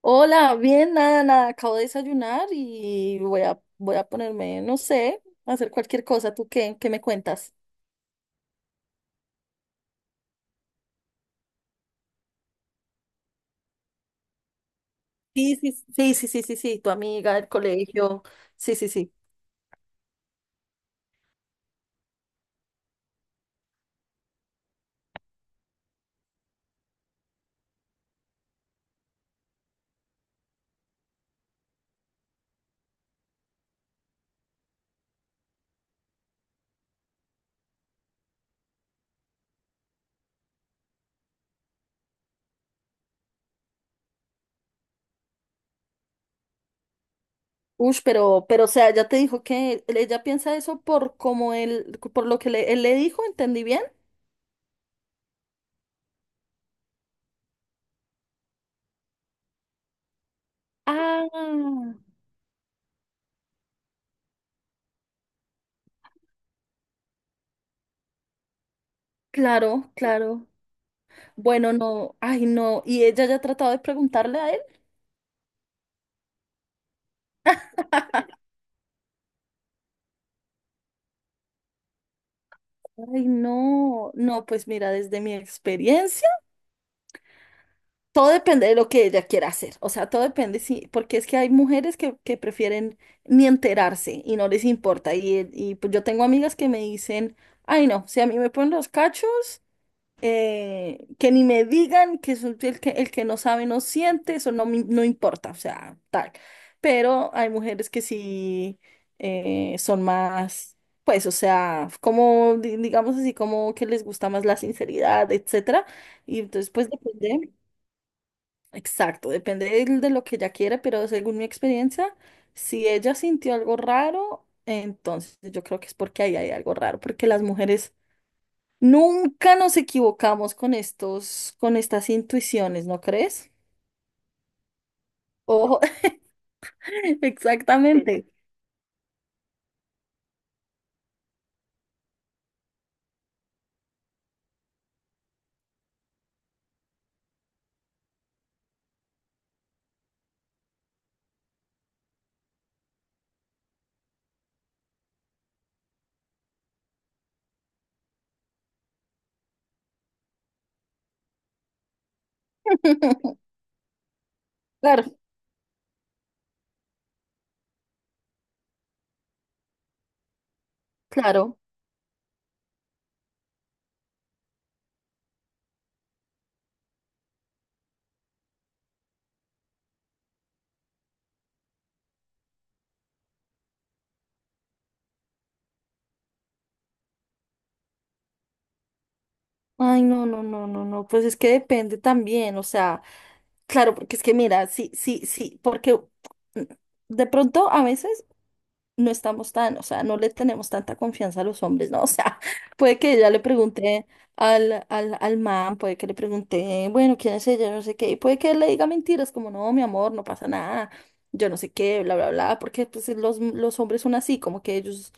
Hola, bien, nada, nada, acabo de desayunar y voy a, voy a ponerme, no sé, a hacer cualquier cosa. ¿Tú qué? ¿Qué me cuentas? Sí, sí, sí, sí, sí, sí, sí, tu amiga del colegio. Sí, sí, sí. Ush, pero, o sea, ya te dijo que ella piensa eso por como él, por lo que él le dijo, ¿entendí bien? Ah, claro, claro. Bueno, no, ay, no. ¿Y ella ya ha tratado de preguntarle a él? Ay, no, no, pues mira, desde mi experiencia. Todo depende de lo que ella quiera hacer, o sea, todo depende, sí, porque es que hay mujeres que prefieren ni enterarse y no les importa. Y pues yo tengo amigas que me dicen, ay no, si a mí me ponen los cachos, que ni me digan que soy el que no sabe no siente, eso no, no importa, o sea, tal. Pero hay mujeres que sí son más, pues, o sea, como, digamos así, como que les gusta más la sinceridad, etcétera. Y entonces, pues depende. Exacto, depende de lo que ella quiera, pero según mi experiencia, si ella sintió algo raro, entonces yo creo que es porque ahí hay algo raro, porque las mujeres nunca nos equivocamos con estos, con estas intuiciones, ¿no crees? Ojo, exactamente. Claro, claro. Ay, no, no, no, no, no. Pues es que depende también, o sea, claro, porque es que mira, sí, sí, sí, porque mm, de pronto a veces. No estamos tan, o sea, no le tenemos tanta confianza a los hombres, ¿no? O sea, puede que ella le pregunte al, al man, puede que le pregunte, bueno, ¿quién es ella? No sé qué, y puede que él le diga mentiras como, no, mi amor, no pasa nada, yo no sé qué, bla, bla, bla, porque pues los hombres son así, como que ellos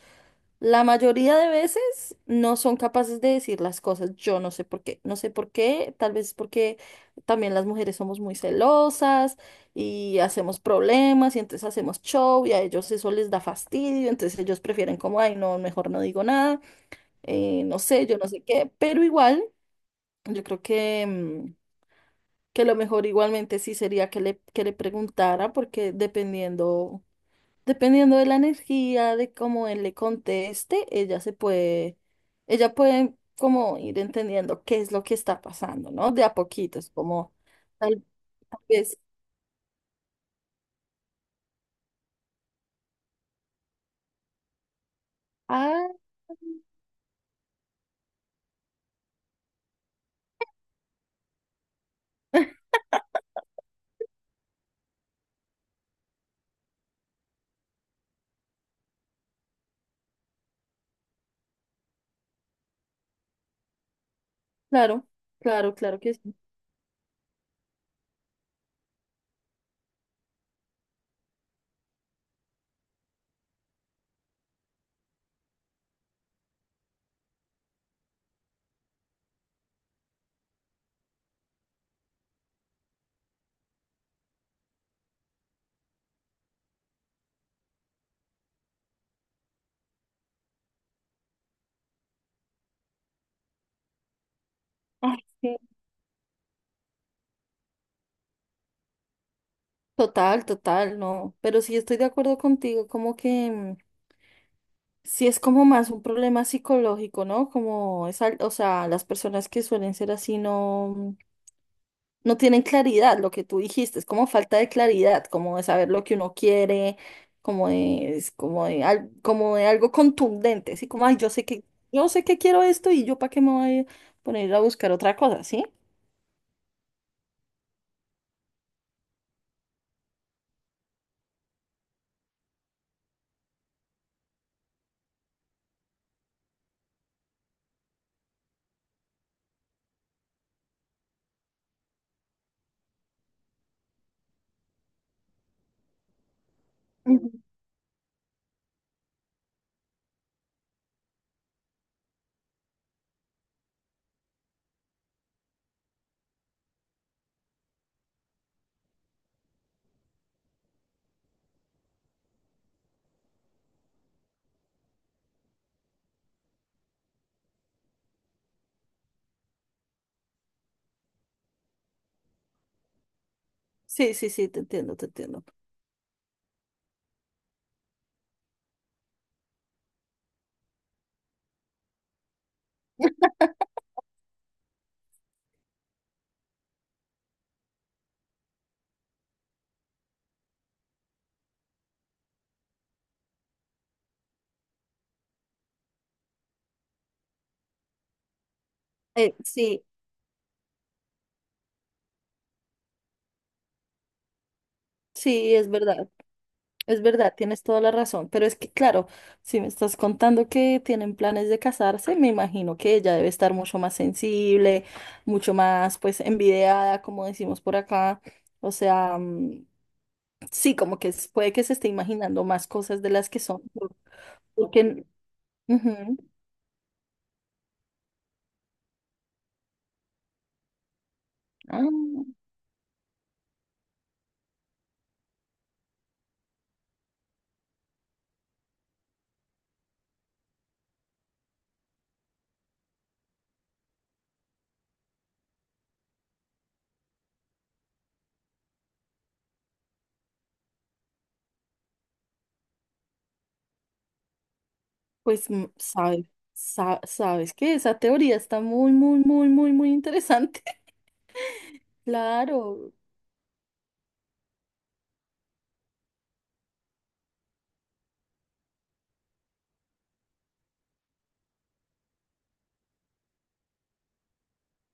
la mayoría de veces no son capaces de decir las cosas. Yo no sé por qué, no sé por qué, tal vez porque también las mujeres somos muy celosas y hacemos problemas y entonces hacemos show y a ellos eso les da fastidio, entonces ellos prefieren como, ay, no, mejor no digo nada, no sé, yo no sé qué, pero igual, yo creo que, que lo mejor igualmente sí sería que le preguntara porque dependiendo... Dependiendo de la energía, de cómo él le conteste, ella se puede, ella puede como ir entendiendo qué es lo que está pasando, ¿no? De a poquitos, como tal, tal vez. Ah, claro, claro, claro que sí. Ah, sí. Total, total, no. Pero sí estoy de acuerdo contigo, como que sí es como más un problema psicológico, ¿no? Como es, o sea, las personas que suelen ser así no. No tienen claridad, lo que tú dijiste, es como falta de claridad, como de saber lo que uno quiere, como de, es como de, como de algo contundente, así como, ay, yo sé que quiero esto y yo para qué me voy a poner a buscar otra cosa, ¿sí? Ujú. Sí, sí, sí, te entiendo, te entiendo. Sí, sí, es verdad. Es verdad, tienes toda la razón, pero es que claro, si me estás contando que tienen planes de casarse, me imagino que ella debe estar mucho más sensible, mucho más pues envidiada, como decimos por acá. O sea, sí, como que puede que se esté imaginando más cosas de las que son. Porque, ujú, ah, pues sabes, sabes que esa teoría está muy, muy, muy, muy, muy interesante. Claro,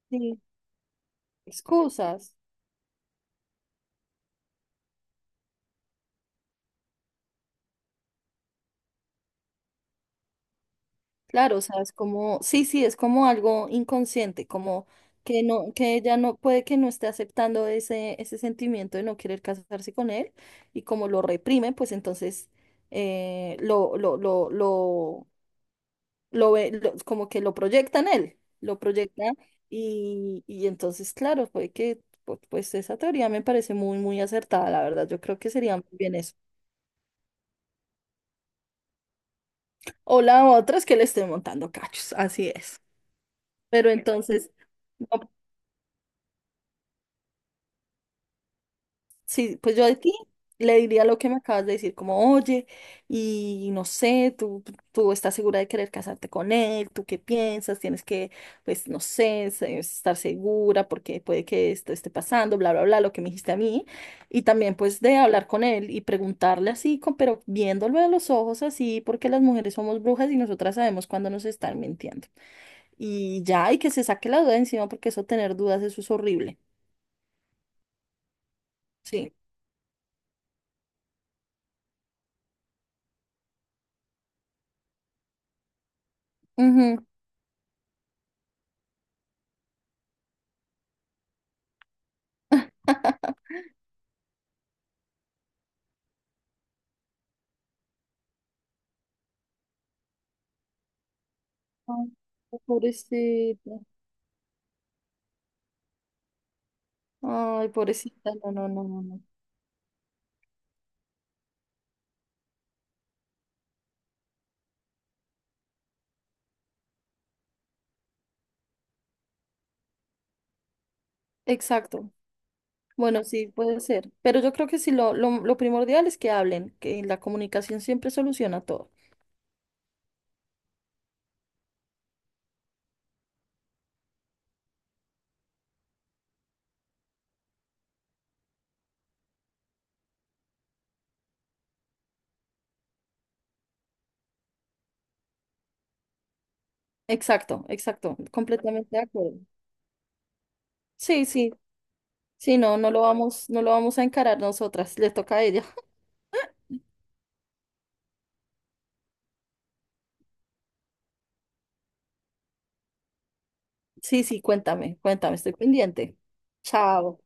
sí, excusas. Claro, o sea, es como, sí, sí, es como algo inconsciente, como que no, que ella no puede que no esté aceptando ese, ese sentimiento de no querer casarse con él, y como lo reprime, pues entonces lo lo ve, como que lo proyecta en él, lo proyecta, y entonces, claro, puede que, pues esa teoría me parece muy, muy acertada, la verdad, yo creo que sería muy bien eso. O la otra es que le esté montando cachos, así es. Pero entonces. No, sí, pues yo a ti le diría lo que me acabas de decir, como, oye, y no sé, tú estás segura de querer casarte con él, tú qué piensas, tienes que, pues, no sé, estar segura porque puede que esto esté pasando, bla, bla, bla, lo que me dijiste a mí, y también pues de hablar con él y preguntarle así, pero viéndolo a los ojos así, porque las mujeres somos brujas y nosotras sabemos cuando nos están mintiendo. Y ya, y que se saque la duda de encima porque eso tener dudas, eso es horrible. Sí. Ujú. Ay, pobrecita. Ay, pobrecita. No, no, no, no, no. Exacto. Bueno, sí, puede ser. Pero yo creo que sí, lo lo primordial es que hablen, que la comunicación siempre soluciona todo. Exacto, exacto. Completamente de acuerdo. Sí, sí. Sí, no, no lo vamos a encarar nosotras. Le toca a ella. Sí, sí, cuéntame, cuéntame, estoy pendiente. Chao.